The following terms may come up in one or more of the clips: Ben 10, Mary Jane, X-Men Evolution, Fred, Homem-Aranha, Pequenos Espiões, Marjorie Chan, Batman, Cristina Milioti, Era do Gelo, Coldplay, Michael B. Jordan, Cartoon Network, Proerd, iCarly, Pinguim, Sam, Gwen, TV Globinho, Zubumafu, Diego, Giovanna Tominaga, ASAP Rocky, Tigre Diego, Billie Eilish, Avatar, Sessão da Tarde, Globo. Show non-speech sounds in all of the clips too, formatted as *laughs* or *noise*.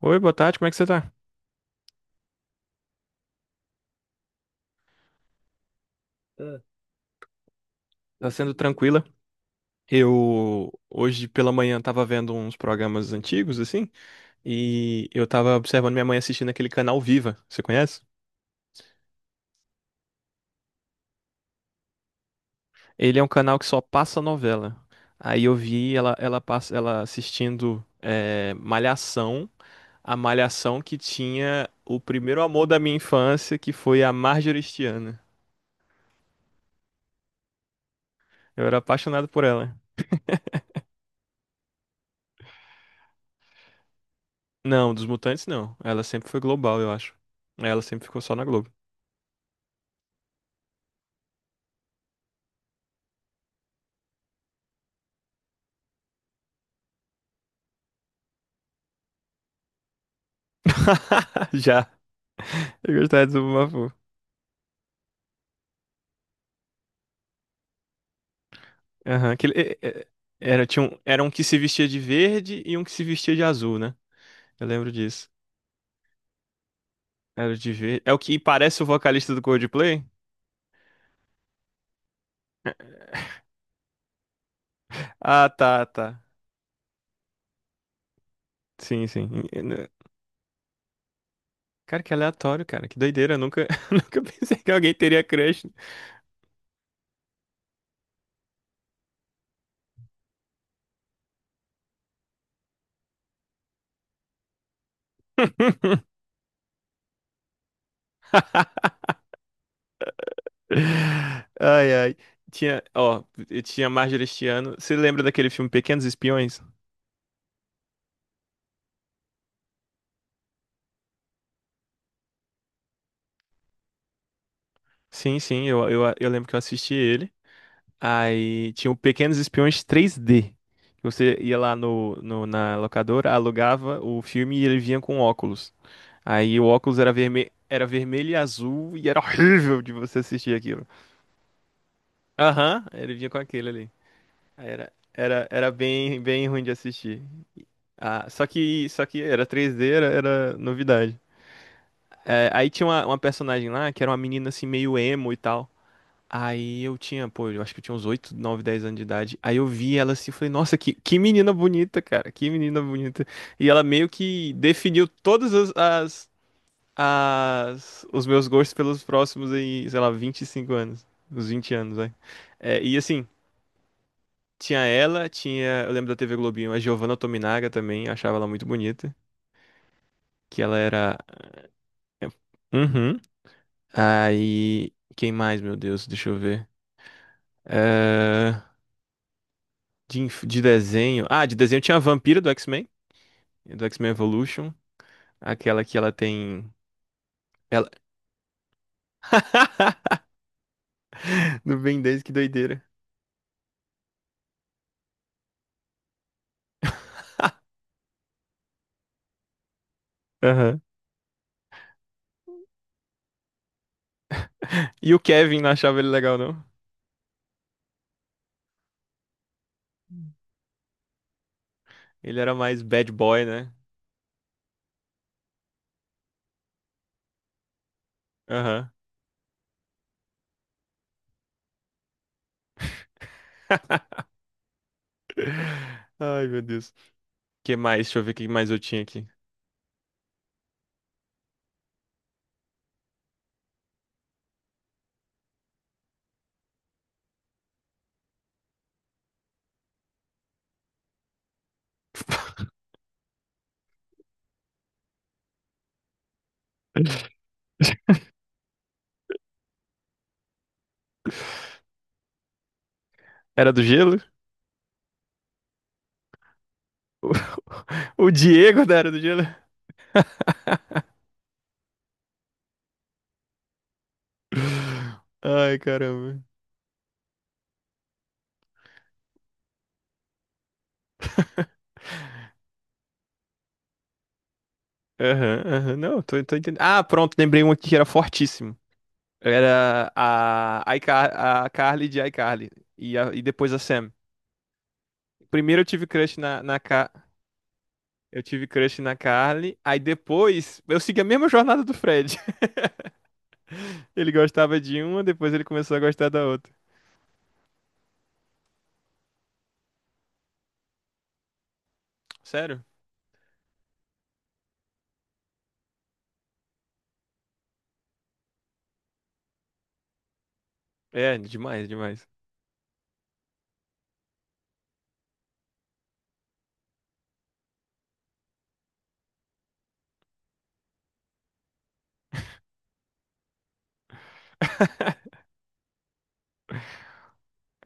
Oi, boa tarde, como é que você tá? Ah, tá sendo tranquila? Eu hoje pela manhã tava vendo uns programas antigos, assim, e eu tava observando minha mãe assistindo aquele canal Viva, você conhece? Ele é um canal que só passa novela. Aí eu vi passa, ela assistindo Malhação, a Malhação que tinha o primeiro amor da minha infância, que foi a Marjorie Stiana. Eu era apaixonado por ela. Não, dos Mutantes não. Ela sempre foi global, eu acho. Ela sempre ficou só na Globo. *laughs* Já. Eu gostava de Zubumafu. Aham. É- é- Era, tinha um, era um que se vestia de verde e um que se vestia de azul, né? Eu lembro disso. Era o de verde. É o que parece o vocalista do Coldplay? Ah, tá, tá. Sim, sim. Cara, que aleatório, cara. Que doideira. Eu nunca, *laughs* nunca pensei que alguém teria crush. *laughs* Ai, ai. Tinha, ó, eu tinha Marjorie Este Ano. Você lembra daquele filme Pequenos Espiões? Sim, sim, eu lembro que eu assisti ele. Aí tinham pequenos espiões 3D. Que você ia lá na locadora, alugava o filme e ele vinha com óculos. Aí o óculos era vermelho e azul e era *laughs* horrível de você assistir aquilo. Aham, ele vinha com aquele ali. Aí era bem ruim de assistir. Ah, só que era 3D, era novidade. É, aí tinha uma personagem lá que era uma menina assim meio emo e tal. Aí eu tinha, pô, eu acho que eu tinha uns 8, 9, 10 anos de idade. Aí eu vi ela assim, eu falei, nossa, que menina bonita, cara, que menina bonita. E ela meio que definiu todas os meus gostos pelos próximos aí, sei lá, 25 anos, uns 20 anos, vai. É, e assim, eu lembro da TV Globinho, a Giovanna Tominaga também, eu achava ela muito bonita, que ela era... é, uhum. Aí, quem mais, meu Deus, deixa eu ver. eh, de desenho. Ah, de desenho tinha a Vampira do X-Men Evolution. Aquela que ela tem. Ela... *laughs* Do Ben 10, que doideira. Aham. E o Kevin não achava ele legal, não? Ele era mais bad boy, né? Aham. *laughs* Ai, meu Deus. Que mais? Deixa eu ver o que mais eu tinha aqui. Era do gelo? *laughs* O Diego da Era do Gelo? Ai, caramba. Aham, aham. Não, tô entendendo. Ah, pronto, lembrei um aqui que era fortíssimo. Era a Carly de iCarly. E, e depois a Sam. Primeiro eu tive crush eu tive crush na Carly. Aí depois eu segui a mesma jornada do Fred. *laughs* Ele gostava de uma, depois ele começou a gostar da outra. Sério? É, demais, demais.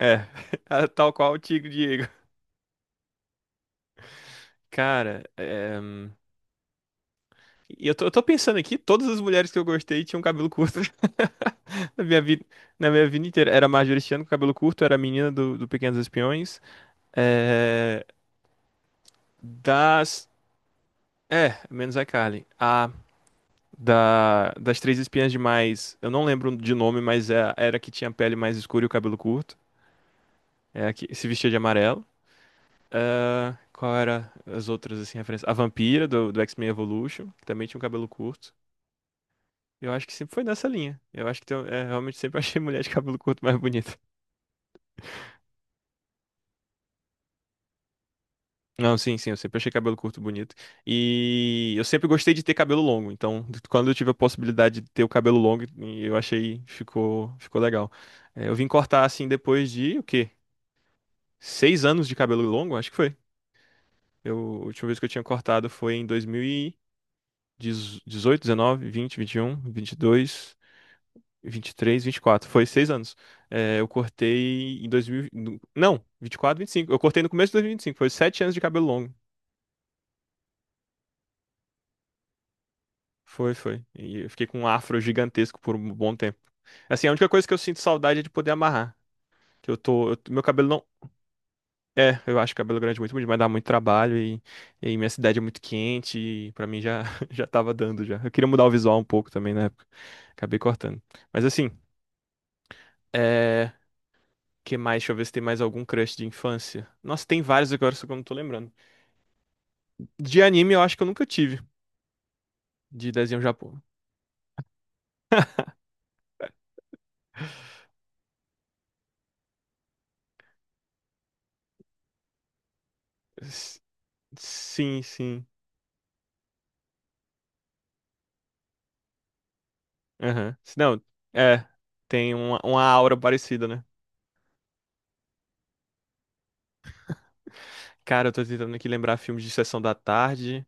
É, *laughs* tal qual o Tigre Diego. Cara, é... e eu tô pensando aqui, todas as mulheres que eu gostei tinham cabelo curto. *laughs* Na minha vida, na minha vida inteira. Era a Marjorie Chan com cabelo curto, era a menina do Pequenos Espiões. É, das. É, menos a Carly. Das três espiãs demais. Eu não lembro de nome, mas era a que tinha a pele mais escura e o cabelo curto. É a que se vestia de amarelo. É, qual era as outras, assim, referências? A vampira do X-Men Evolution, que também tinha um cabelo curto. Eu acho que sempre foi nessa linha. Eu acho que é, realmente sempre *laughs* achei mulher de cabelo curto mais bonita. Não, sim, sim, eu sempre achei cabelo curto bonito. E eu sempre gostei de ter cabelo longo, então quando eu tive a possibilidade de ter o cabelo longo, eu achei ficou legal. É, eu vim cortar assim depois de o quê? 6 anos de cabelo longo, acho que foi. Eu, a última vez que eu tinha cortado foi em dois mil e dezoito, 2019, vinte, vinte um, vinte e dois, vinte e três, vinte e quatro. Foi 6 anos. É, eu cortei em 2000, não, 24, 25. Eu cortei no começo de dois mil vinte e cinco. Foi 7 anos de cabelo longo. Foi, foi. E eu fiquei com um afro gigantesco por um bom tempo. Assim, a única coisa que eu sinto saudade é de poder amarrar. Que meu cabelo não. É, eu acho cabelo grande muito bonito, mas dá muito trabalho e minha cidade é muito quente e pra mim já, *laughs* já tava dando já. Eu queria mudar o visual um pouco também na época. Acabei cortando. Mas assim, é. Que mais? Deixa eu ver se tem mais algum crush de infância. Nossa, tem vários agora, só que eu não tô lembrando. De anime eu acho que eu nunca tive. De desenho japonês. Sim, sim. Aham. Se não, é. Tem uma aura parecida, né? Cara, eu tô tentando aqui lembrar filmes de Sessão da Tarde,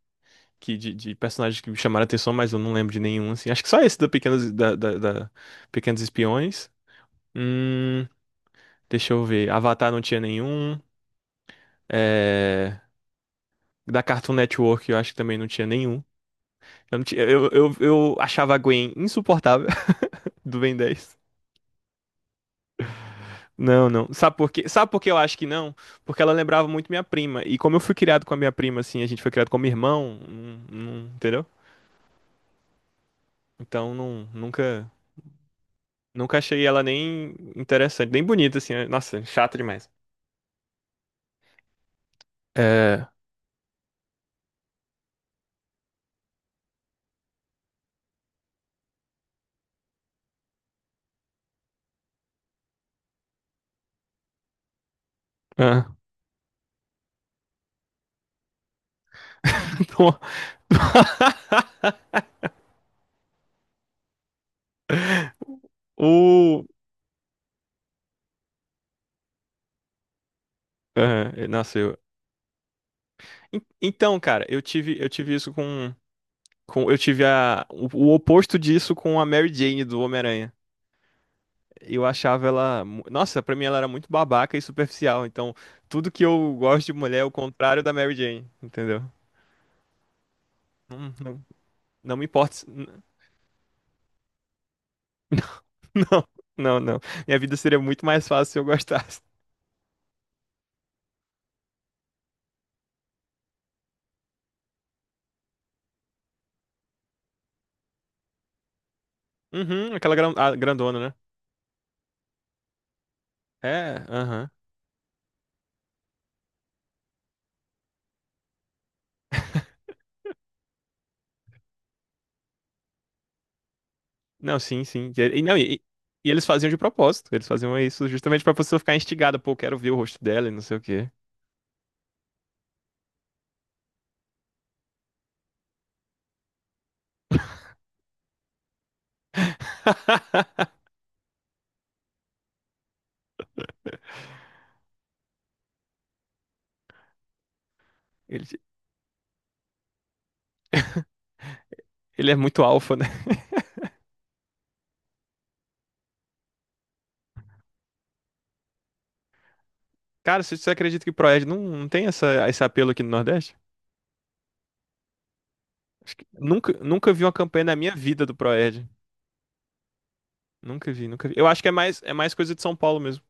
que de personagens que me chamaram a atenção, mas eu não lembro de nenhum, assim. Acho que só esse do Pequenos, da Pequenos Espiões. Hum, deixa eu ver. Avatar não tinha nenhum. É, da Cartoon Network eu acho que também não tinha nenhum. Eu, não tinha- eu achava a Gwen insuportável *laughs* do Ben dez. Não, não. Sabe por quê? Sabe por que eu acho que não? Porque ela lembrava muito minha prima. E como eu fui criado com a minha prima, assim, a gente foi criado como irmão, entendeu? Então, não, nunca achei ela nem interessante, nem bonita, assim. Né? Nossa, chata demais. É. ah, *laughs* O. é, nossa, eu. Então, cara, eu tive isso com. Eu tive o oposto disso com a Mary Jane do Homem-Aranha. Eu achava ela. Nossa, pra mim ela era muito babaca e superficial. Então, tudo que eu gosto de mulher é o contrário da Mary Jane, entendeu? Não, não, não me importa. *laughs* Não, não, não. Minha vida seria muito mais fácil se eu gostasse. Uhum, a grandona, né? É, aham. Não, sim, sim. E não, e eles faziam de propósito. Eles faziam isso justamente pra pessoa ficar instigada. Pô, quero ver o rosto dela e não sei o quê. *laughs* Ele, ele é muito alfa, né? Cara, você acredita que Proerd não tem essa, esse apelo aqui no Nordeste? Acho que nunca, nunca vi uma campanha na minha vida do Proerd. Nunca vi, nunca vi. Eu acho que é mais coisa de São Paulo mesmo.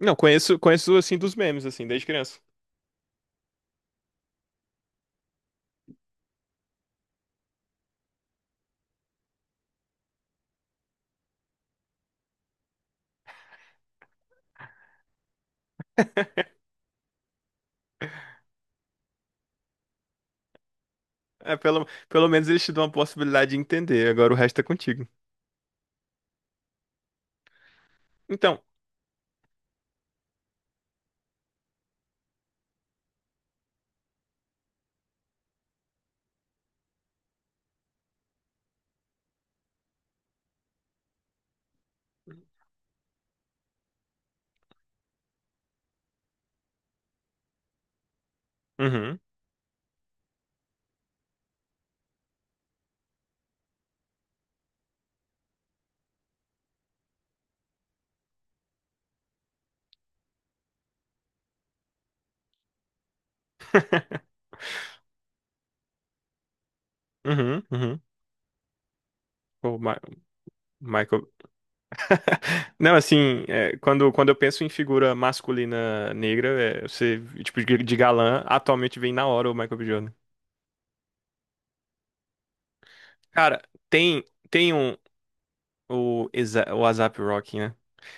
Não, conheço, conheço assim dos memes, assim, desde criança. É, pelo menos eles te dão a possibilidade de entender. Agora o resto é contigo. Então. Uhum. *laughs* Uhum, uhum. O Ma- Michael. *laughs* Não, assim, é, quando eu penso em figura masculina negra, é, você, tipo, de galã, atualmente vem na hora o Michael B. Jordan. Cara, tem, tem um, o ASAP Rocky.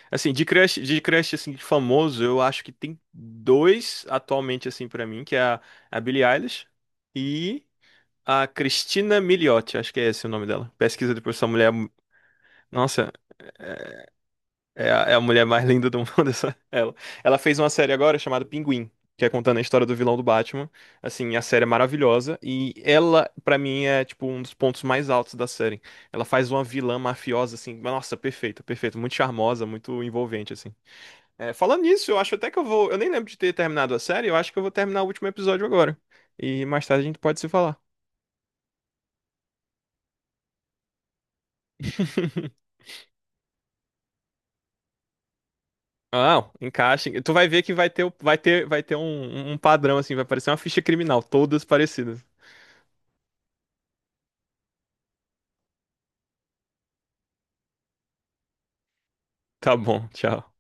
Assim, de crush assim, de famoso, eu acho que tem 2 atualmente assim pra mim, a Billie Eilish e a Cristina Milioti, acho que é esse o nome dela. Pesquisa depois essa mulher, nossa, é a mulher mais linda do mundo *laughs* essa ela. Ela fez uma série agora chamada Pinguim, que é contando a história do vilão do Batman. Assim, a série é maravilhosa e ela pra mim é tipo um dos pontos mais altos da série. Ela faz uma vilã mafiosa assim, nossa, perfeita, perfeita, muito charmosa, muito envolvente assim. É, falando nisso, eu acho até que eu vou. Eu nem lembro de ter terminado a série, eu acho que eu vou terminar o último episódio agora. E mais tarde a gente pode se falar. *laughs* Não, encaixe. Tu vai ver que vai ter, vai ter um, um padrão, assim, vai parecer uma ficha criminal, todas parecidas. Tá bom, tchau.